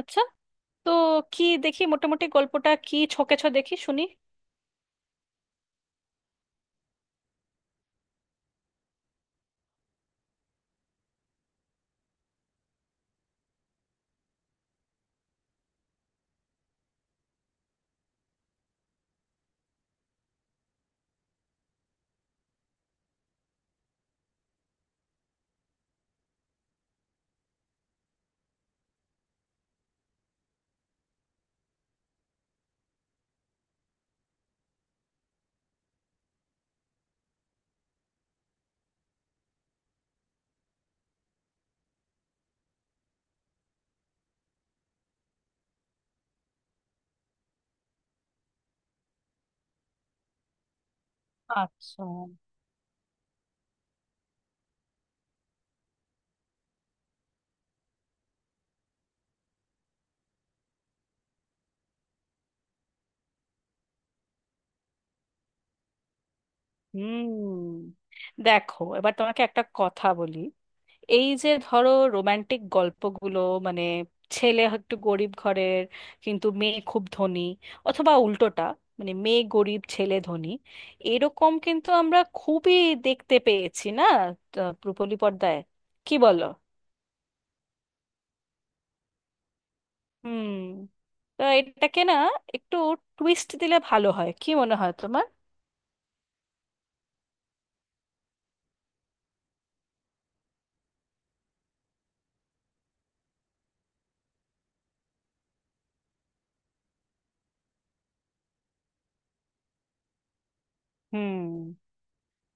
আচ্ছা। তো কি দেখি, মোটামুটি গল্পটা কি ছকেছ দেখি শুনি। আচ্ছা। হুম, দেখো, এবার তোমাকে একটা কথা বলি। এই যে ধরো রোমান্টিক গল্পগুলো, মানে ছেলে একটু গরিব ঘরের কিন্তু মেয়ে খুব ধনী, অথবা উল্টোটা, মানে মেয়ে গরিব ছেলে ধনী, এরকম কিন্তু আমরা খুবই দেখতে পেয়েছি না রূপলী পর্দায়, কি বলো? হুম। তো এটাকে না একটু টুইস্ট দিলে ভালো হয়, কি মনে হয় তোমার? হুম।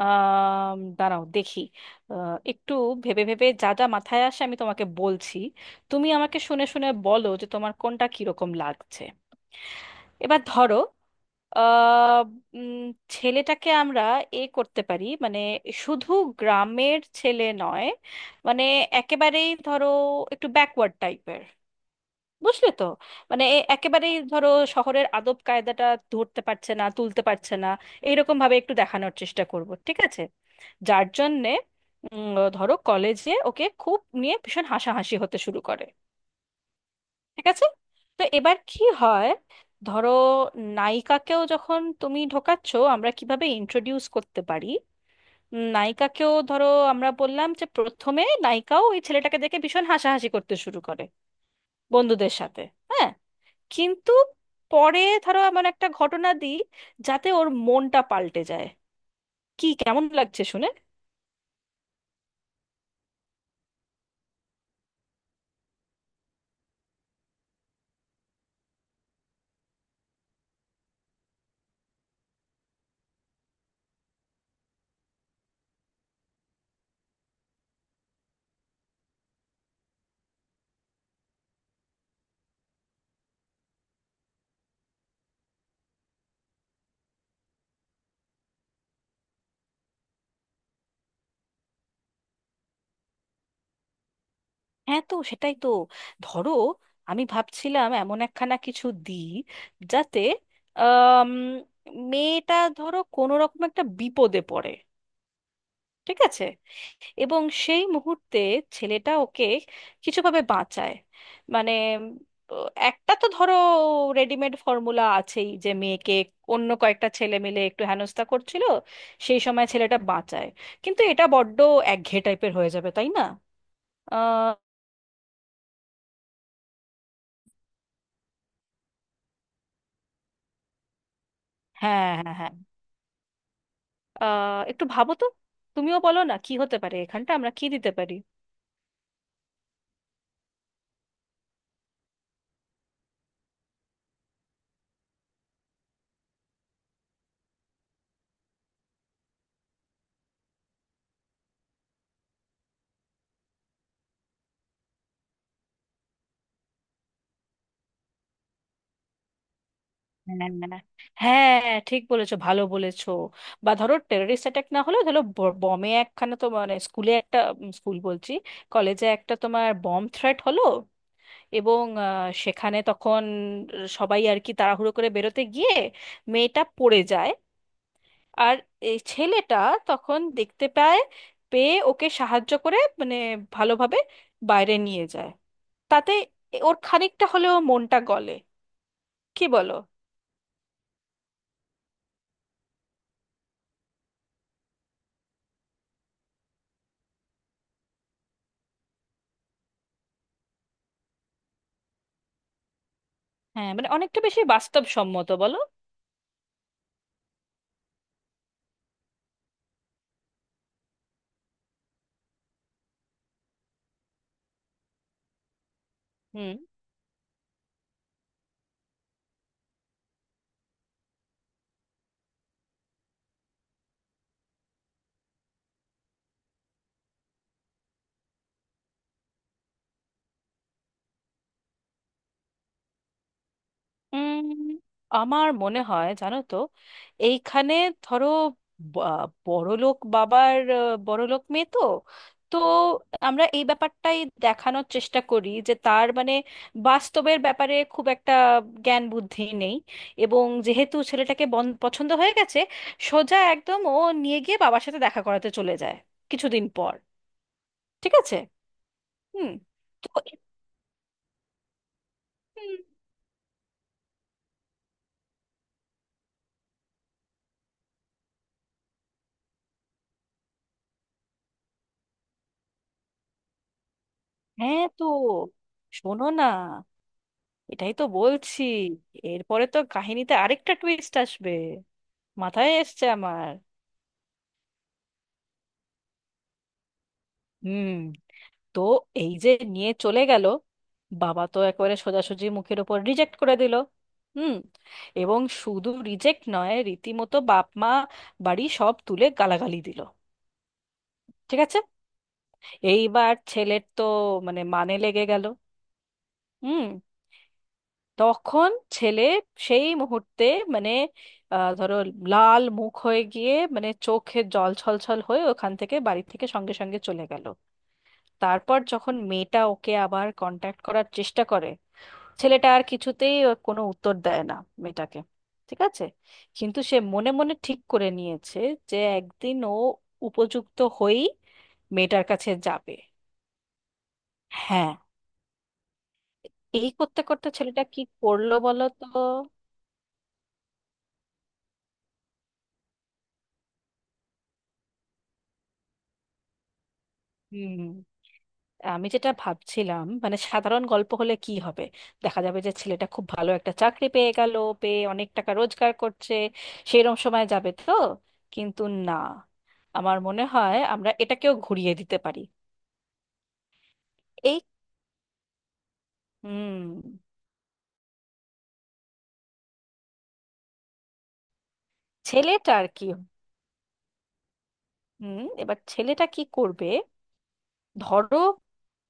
আম, দাঁড়াও দেখি। একটু ভেবে ভেবে যা যা মাথায় আসে আমি তোমাকে বলছি, তুমি আমাকে শুনে শুনে বলো যে তোমার কোনটা কিরকম লাগছে। এবার ধরো, আহ, উম, ছেলেটাকে আমরা এ করতে পারি, মানে শুধু গ্রামের ছেলে নয়, মানে একেবারেই ধরো একটু ব্যাকওয়ার্ড টাইপের, বুঝলে তো? মানে একেবারেই ধরো শহরের আদব কায়দাটা ধরতে পারছে না, তুলতে পারছে না, এইরকম ভাবে একটু দেখানোর চেষ্টা করব। ঠিক আছে? যার জন্যে ধরো কলেজে ওকে খুব নিয়ে ভীষণ হাসাহাসি হতে শুরু করে। ঠিক আছে? তো এবার কি হয়, ধরো নায়িকাকেও যখন তুমি ঢোকাচ্ছ আমরা কিভাবে ইন্ট্রোডিউস করতে পারি? নায়িকাকেও ধরো আমরা বললাম যে প্রথমে নায়িকাও ওই ছেলেটাকে দেখে ভীষণ হাসাহাসি করতে শুরু করে বন্ধুদের সাথে। হ্যাঁ, কিন্তু পরে ধরো এমন একটা ঘটনা দিই যাতে ওর মনটা পাল্টে যায়। কি কেমন লাগছে শুনে? হ্যাঁ তো সেটাই তো। ধরো আমি ভাবছিলাম এমন একখানা কিছু দিই যাতে, আম, মেয়েটা ধরো কোনো রকম একটা বিপদে পড়ে, ঠিক আছে, এবং সেই মুহূর্তে ছেলেটা ওকে কিছুভাবে বাঁচায়। মানে একটা তো ধরো রেডিমেড ফর্মুলা আছেই যে মেয়েকে অন্য কয়েকটা ছেলে মিলে একটু হেনস্থা করছিল, সেই সময় ছেলেটা বাঁচায়। কিন্তু এটা বড্ড একঘেয়ে টাইপের হয়ে যাবে, তাই না? আহ, হ্যাঁ হ্যাঁ হ্যাঁ, একটু ভাবো তো, তুমিও বলো না কি হতে পারে, এখানটা আমরা কি দিতে পারি? হ্যাঁ হ্যাঁ, ঠিক বলেছো, ভালো বলেছো। বা ধরো টেররিস্ট অ্যাটাক না হলেও ধরো বমে একখানা, তো মানে স্কুলে একটা, স্কুল বলছি, কলেজে একটা তোমার বম থ্রেট হলো। এবং সেখানে তখন সবাই আর কি তাড়াহুড়ো করে বেরোতে গিয়ে মেয়েটা পড়ে যায়, আর এই ছেলেটা তখন দেখতে পায়, পেয়ে ওকে সাহায্য করে, মানে ভালোভাবে বাইরে নিয়ে যায়। তাতে ওর খানিকটা হলেও মনটা গলে। কি বলো? হ্যাঁ, মানে অনেকটা বেশি বাস্তবসম্মত, বলো? হুম। উম, আমার মনে হয় জানো তো, এইখানে ধরো, বা- বড়লোক বাবার বড়লোক মেয়ে তো, তো আমরা এই ব্যাপারটাই দেখানোর চেষ্টা করি যে তার মানে বাস্তবের ব্যাপারে খুব একটা জ্ঞান বুদ্ধি নেই। এবং যেহেতু ছেলেটাকে পছন্দ হয়ে গেছে, সোজা একদম ও নিয়ে গিয়ে বাবার সাথে দেখা করাতে চলে যায় কিছুদিন পর। ঠিক আছে? হুম, তো হুম, হ্যাঁ। তো শোনো না, এটাই তো বলছি, এরপরে তো কাহিনীতে আরেকটা টুইস্ট আসবে, মাথায় এসছে আমার। হুম, তো এই যে নিয়ে চলে গেল, বাবা তো একেবারে সোজাসুজি মুখের ওপর রিজেক্ট করে দিল। হুম। এবং শুধু রিজেক্ট নয়, রীতিমতো বাপ মা বাড়ি সব তুলে গালাগালি দিল। ঠিক আছে? এইবার ছেলের তো মানে মানে লেগে গেল। হুম। তখন ছেলে সেই মুহূর্তে মানে, ধরো লাল মুখ হয়ে গিয়ে মানে চোখে জল ছলছল হয়ে ওখান থেকে, বাড়ি থেকে সঙ্গে সঙ্গে চলে গেল। তারপর যখন মেয়েটা ওকে আবার কন্ট্যাক্ট করার চেষ্টা করে, ছেলেটা আর কিছুতেই ওর কোনো উত্তর দেয় না মেয়েটাকে। ঠিক আছে? কিন্তু সে মনে মনে ঠিক করে নিয়েছে যে একদিন ও উপযুক্ত হয়েই মেয়েটার কাছে যাবে। হ্যাঁ। এই করতে করতে ছেলেটা কি করলো বলো তো? হুম, আমি যেটা ভাবছিলাম, মানে সাধারণ গল্প হলে কি হবে, দেখা যাবে যে ছেলেটা খুব ভালো একটা চাকরি পেয়ে গেল, পেয়ে অনেক টাকা রোজগার করছে, সেরম সময় যাবে তো। কিন্তু না, আমার মনে হয় আমরা এটাকেও ঘুরিয়ে দিতে পারি। এই, হুম, ছেলেটার কি, হুম, এবার ছেলেটা কি করবে? ধরো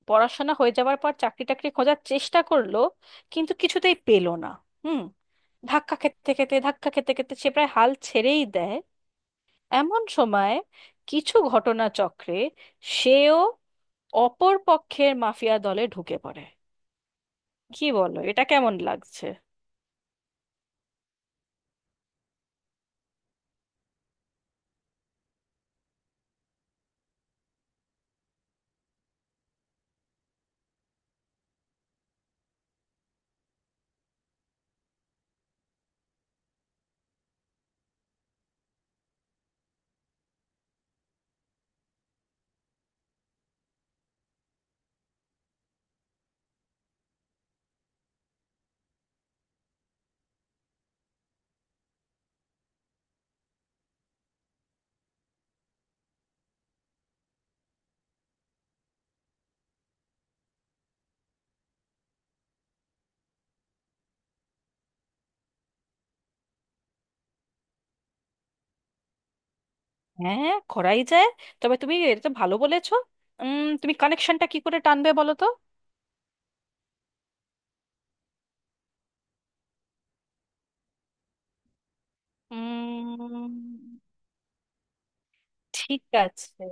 পড়াশোনা হয়ে যাওয়ার পর চাকরি টাকরি খোঁজার চেষ্টা করলো কিন্তু কিছুতেই পেলো না। হুম, ধাক্কা খেতে খেতে ধাক্কা খেতে খেতে সে প্রায় হাল ছেড়েই দেয়। এমন সময় কিছু ঘটনাচক্রে সেও অপর পক্ষের মাফিয়া দলে ঢুকে পড়ে। কি বলো, এটা কেমন লাগছে? হ্যাঁ, করাই যায়, তবে তুমি এটা তো ভালো বলেছো। উম, তুমি কানেকশনটা কি করে টানবে বলো তো? উম, ঠিক আছে,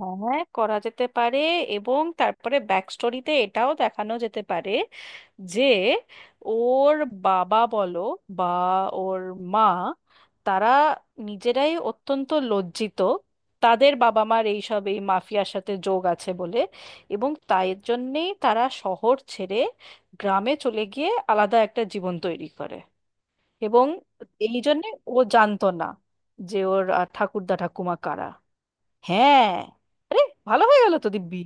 হ্যাঁ করা যেতে পারে। এবং তারপরে ব্যাক স্টোরিতে এটাও দেখানো যেতে পারে যে ওর বাবা বলো বা ওর মা, তারা নিজেরাই অত্যন্ত লজ্জিত তাদের বাবা মার এইসব এই মাফিয়ার সাথে যোগ আছে বলে। এবং তাই জন্যেই তারা শহর ছেড়ে গ্রামে চলে গিয়ে আলাদা একটা জীবন তৈরি করে। এবং এই জন্যে ও জানতো না যে ওর ঠাকুরদা ঠাকুমা কারা। হ্যাঁ, আরে ভালো হয়ে গেল তো দিব্যি।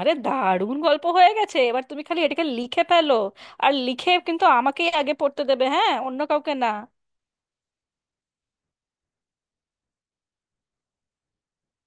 আরে দারুণ গল্প হয়ে গেছে, এবার তুমি খালি এটাকে লিখে ফেলো। আর লিখে কিন্তু আমাকেই আগে পড়তে দেবে, হ্যাঁ, অন্য কাউকে না।